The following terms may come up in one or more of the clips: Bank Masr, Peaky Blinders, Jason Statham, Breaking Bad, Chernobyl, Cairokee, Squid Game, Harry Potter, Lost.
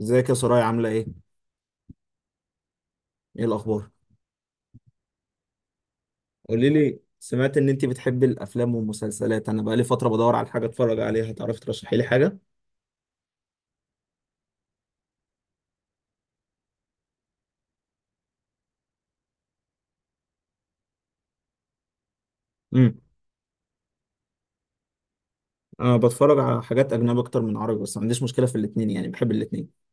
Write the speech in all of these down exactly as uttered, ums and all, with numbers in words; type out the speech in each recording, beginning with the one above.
ازيك يا سرايا عاملة ايه؟ ايه الأخبار؟ قولي لي، سمعت إن أنت بتحبي الأفلام والمسلسلات، أنا بقالي فترة بدور على حاجة أتفرج عليها، تعرفي ترشحي لي حاجة؟ امم. أنا بتفرج على حاجات أجنبي أكتر من عربي، بس ما عنديش مشكلة في الاتنين، يعني بحب الاتنين.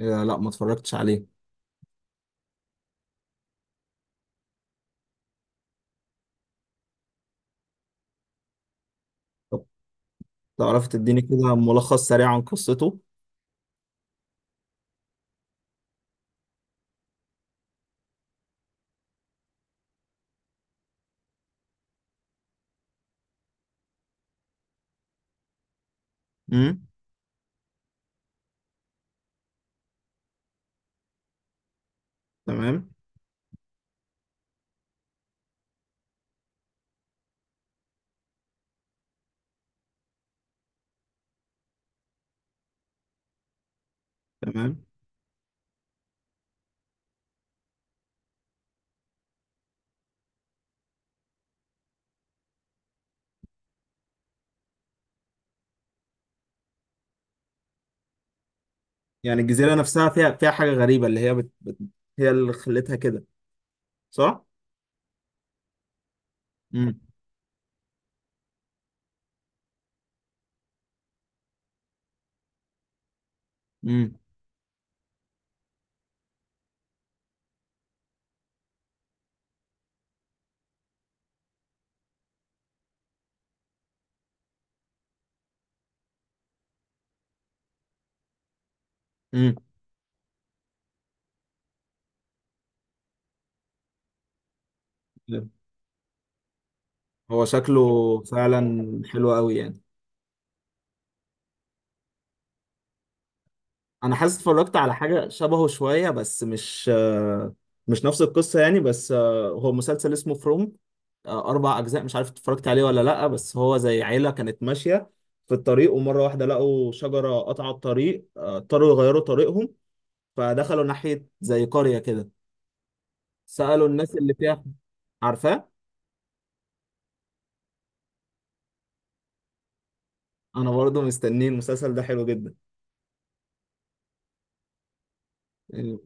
آه، لا ما اتفرجتش عليه. طب تعرفي تديني كده ملخص سريع عن قصته؟ امم. تمام. تمام. يعني الجزيرة نفسها فيها فيها حاجة غريبة، اللي هي بت... بت... هي اللي خلتها كده، صح؟ امم. امم. امم. هو شكله فعلا حلو قوي يعني. انا حاسس اتفرجت على حاجه شبهه شويه، بس مش آه، مش نفس القصه يعني، بس آه، هو مسلسل اسمه فروم، اربع اجزاء مش عارف اتفرجت عليه ولا لا، بس هو زي عيله كانت ماشيه في الطريق، ومره واحده لقوا شجره قطعت الطريق، آه، اضطروا يغيروا طريقهم، فدخلوا ناحيه زي قريه كده، سالوا الناس اللي فيها، عارفاه؟ انا برضو مستنيه. المسلسل ده حلو جدا يعني.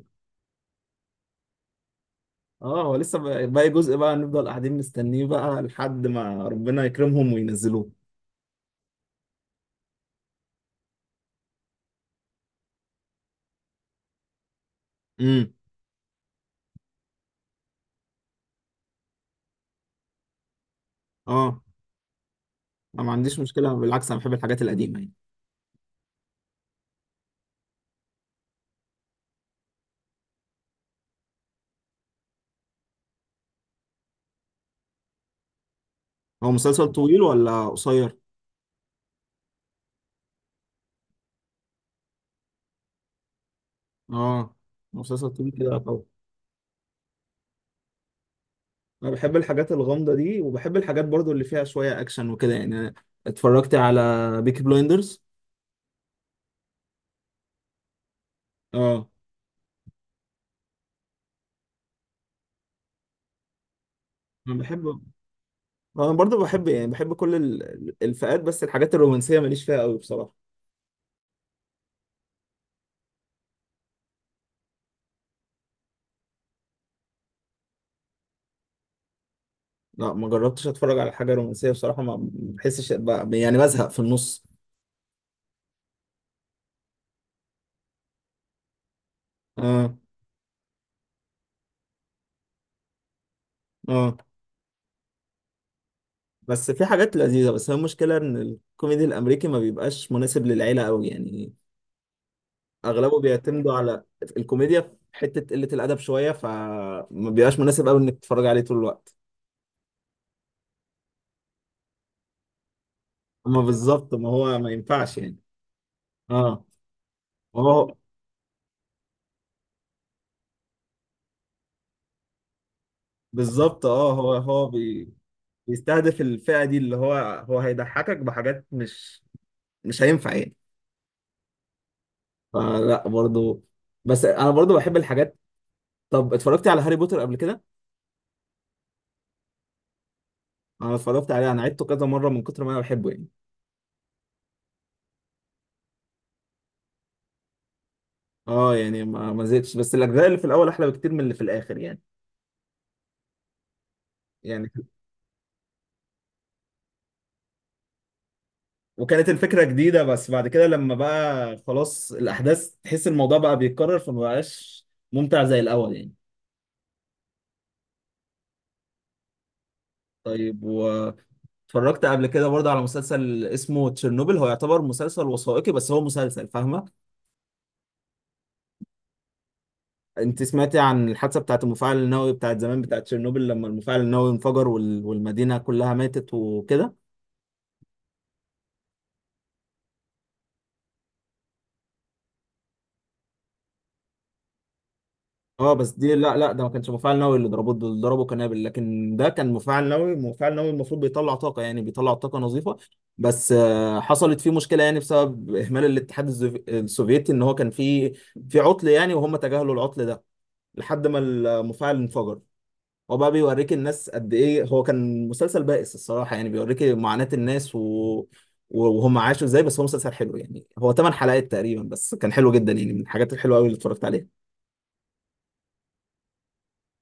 اه، هو لسه ب- باقي جزء بقى، نفضل قاعدين مستنيه بقى لحد ما ربنا يكرمهم وينزلوه. امم. اه، انا ما عنديش مشكله، بالعكس انا بحب الحاجات القديمه يعني. هو مسلسل طويل ولا قصير؟ اه، مسلسل طويل كده طبعا. انا بحب الحاجات الغامضه دي، وبحب الحاجات برضو اللي فيها شويه اكشن وكده يعني. أنا اتفرجت على بيكي بلايندرز. اه. انا بحب. انا برضو بحب، يعني بحب كل ال- الفئات، بس الحاجات الرومانسيه ماليش فيها قوي بصراحه. لا ما جربتش اتفرج على حاجه رومانسيه بصراحه، ما بحسش ب- يعني بزهق في النص. اه. اه. بس في حاجات لذيذة، بس هي المشكلة إن الكوميدي الأمريكي ما بيبقاش مناسب للعيلة أوي يعني، أغلبه بيعتمدوا على الكوميديا في حتة قلة الأدب شوية، فما بيبقاش مناسب أوي إنك تتفرج عليه طول الوقت. أما بالظبط، ما هو ما ينفعش يعني. أه. هو. بالظبط، أه، هو هو بي... بيستهدف الفئة دي اللي هو، هو هيضحكك بحاجات مش مش هينفع يعني. فلا برضو. بس أنا برضو بحب الحاجات. طب اتفرجت على هاري بوتر قبل كده؟ أنا اتفرجت عليه، أنا عدته كذا مرة من كتر ما أنا بحبه يعني. اه يعني ما ما زهقتش، بس الاجزاء اللي في الاول احلى بكتير من اللي في الاخر يعني. يعني وكانت الفكره جديده، بس بعد كده لما بقى خلاص الاحداث تحس الموضوع بقى بيتكرر، فما بقاش ممتع زي الاول يعني. طيب، واتفرجت قبل كده برضه على مسلسل اسمه تشيرنوبل، هو يعتبر مسلسل وثائقي بس هو مسلسل، فاهمه؟ انت سمعتي عن الحادثه بتاعت المفاعل النووي بتاعت زمان بتاعت تشيرنوبل، لما المفاعل النووي انفجر، وال... والمدينه كلها ماتت وكده؟ اه بس دي، لا لا، ده ما كانش مفاعل نووي، اللي ضربوه دول ضربوا قنابل، لكن ده كان مفاعل نووي. مفاعل نووي المفروض بيطلع طاقه، يعني بيطلع طاقه نظيفه، بس آه، حصلت فيه مشكله يعني، بسبب اهمال الاتحاد الزوف- السوفيتي، ان هو كان في في عطل يعني، وهم تجاهلوا العطل ده لحد ما المفاعل انفجر. هو بقى بيوريك الناس قد ايه، هو كان مسلسل بائس الصراحه يعني، بيوريك معاناه الناس و وهم عاشوا ازاي، بس هو مسلسل حلو يعني. هو ثمان حلقات تقريبا، بس كان حلو جدا يعني، من الحاجات الحلوه قوي اللي اتفرجت عليها.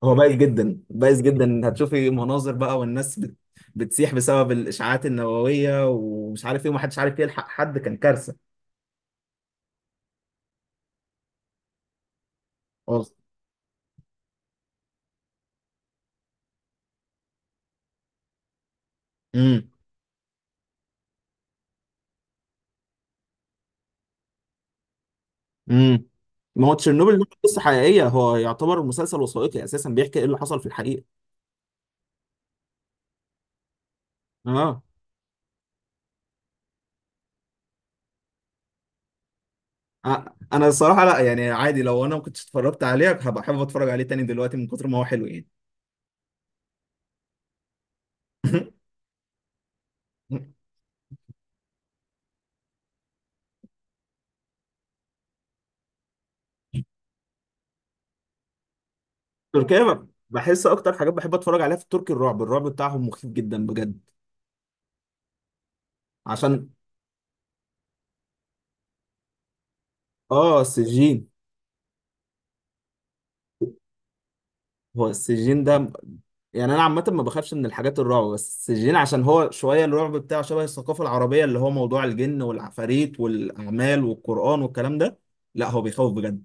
هو بايظ جدا، بايظ جدا، هتشوفي مناظر بقى، والناس بت... بتسيح بسبب الاشعاعات النوويه، ومش عارف ايه، ومحدش عارف يلحق حد، كان كارثه. خلاص. امم. امم. ما هو تشيرنوبل ده قصه حقيقيه، هو يعتبر مسلسل وثائقي اساسا، بيحكي ايه اللي حصل في الحقيقه. اه. آه، انا الصراحه لا يعني، عادي لو انا ما كنتش اتفرجت عليه هبقى حابب اتفرج عليه تاني دلوقتي من كتر ما هو حلو يعني. تركيا ب- بحس اكتر حاجات بحب اتفرج عليها في التركي، الرعب، الرعب بتاعهم مخيف جدا بجد، عشان. اه، السجين. هو السجين ده. يعني انا عامه ما بخافش من الحاجات الرعب، بس السجين عشان هو شويه الرعب بتاعه شبه الثقافه العربيه، اللي هو موضوع الجن والعفاريت والاعمال والقران والكلام ده، لا هو بيخوف بجد.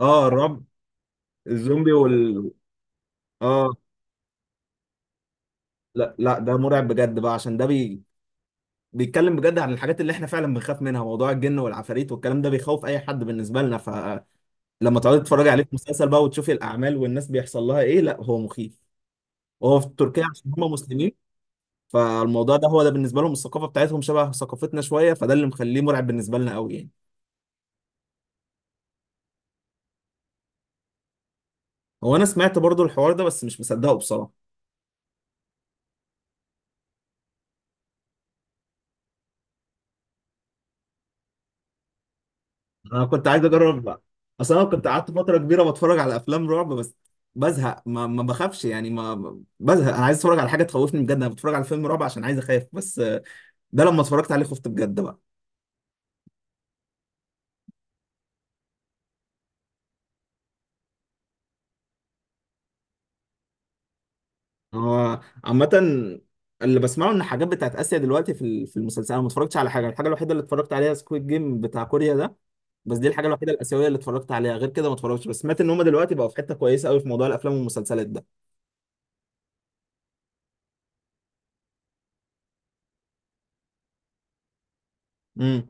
اه، الرعب. الزومبي وال اه، لا لا ده مرعب بجد بقى، عشان ده بي... بيتكلم بجد عن الحاجات اللي احنا فعلا بنخاف منها، موضوع الجن والعفاريت والكلام ده بيخوف اي حد بالنسبه لنا، فلما تقعدي تتفرجي عليه في مسلسل بقى وتشوفي الاعمال والناس بيحصل لها ايه، لا هو مخيف. وهو في تركيا عشان هم مسلمين، فالموضوع ده هو ده بالنسبه لهم، الثقافه بتاعتهم شبه ثقافتنا شويه، فده اللي مخليه مرعب بالنسبه لنا قوي يعني. هو انا سمعت برضو الحوار ده، بس مش مصدقه بصراحه. انا كنت عايز اجرب بقى، اصل انا كنت قعدت فتره كبيره بتفرج على افلام رعب، بس بزهق، ما, ما بخافش يعني، ما ما- بزهق، انا عايز اتفرج على حاجه تخوفني بجد، انا بتفرج على فيلم رعب عشان عايز اخاف، بس ده لما اتفرجت عليه خفت بجد بقى. هو عامة اللي بسمعه ان حاجات بتاعت اسيا دلوقتي في ال- في المسلسل، انا ما اتفرجتش على حاجه، الحاجه الوحيده اللي اتفرجت عليها سكويد جيم بتاع كوريا ده، بس دي الحاجه الوحيده الاسيويه اللي اتفرجت عليها، غير كده ما اتفرجتش، بس سمعت ان هم دلوقتي بقوا في حته كويسه قوي في موضوع الافلام والمسلسلات ده. امم.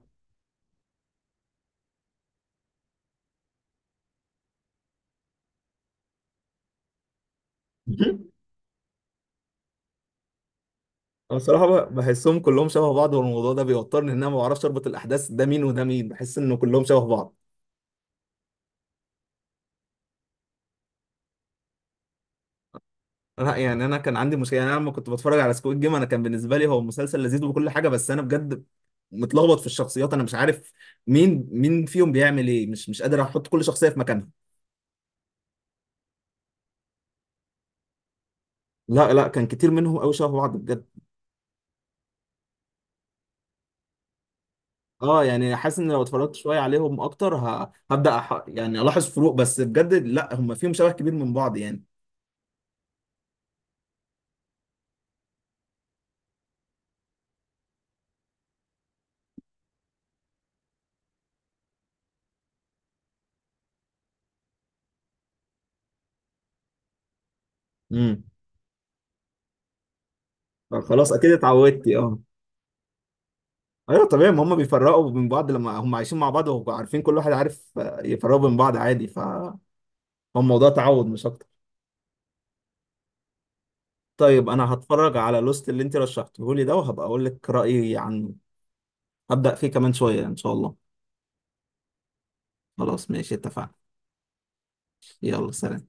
انا الصراحه ب- بحسهم كلهم شبه بعض، والموضوع ده بيوترني ان انا ما بعرفش اربط الاحداث، ده مين وده مين، بحس انه كلهم شبه بعض. لا يعني انا كان عندي مشكله يعني، انا لما كنت بتفرج على سكويد جيم انا كان بالنسبه لي هو مسلسل لذيذ وكل حاجه، بس انا بجد متلخبط في الشخصيات، انا مش عارف مين مين فيهم بيعمل ايه، مش مش قادر احط كل شخصيه في مكانها. لا لا كان كتير منهم قوي شبه بعض بجد. اه يعني حاسس ان لو اتفرجت شويه عليهم اكتر ه... هبدا أح... يعني الاحظ فروق، بس بجد لا هم فيهم شبه كبير من بعض يعني. امم. خلاص اكيد اتعودت. اه. ايوه طبيعي، ما هم بيفرقوا من بعض لما هم عايشين مع بعض وعارفين كل واحد عارف، آه، يفرقوا من بعض عادي، ف هو الموضوع تعود مش اكتر. طيب انا هتفرج على لوست اللي انت رشحته لي ده، وهبقى اقول لك رايي عنه. هبدا فيه كمان شويه ان شاء الله. خلاص ماشي اتفقنا. يلا سلام.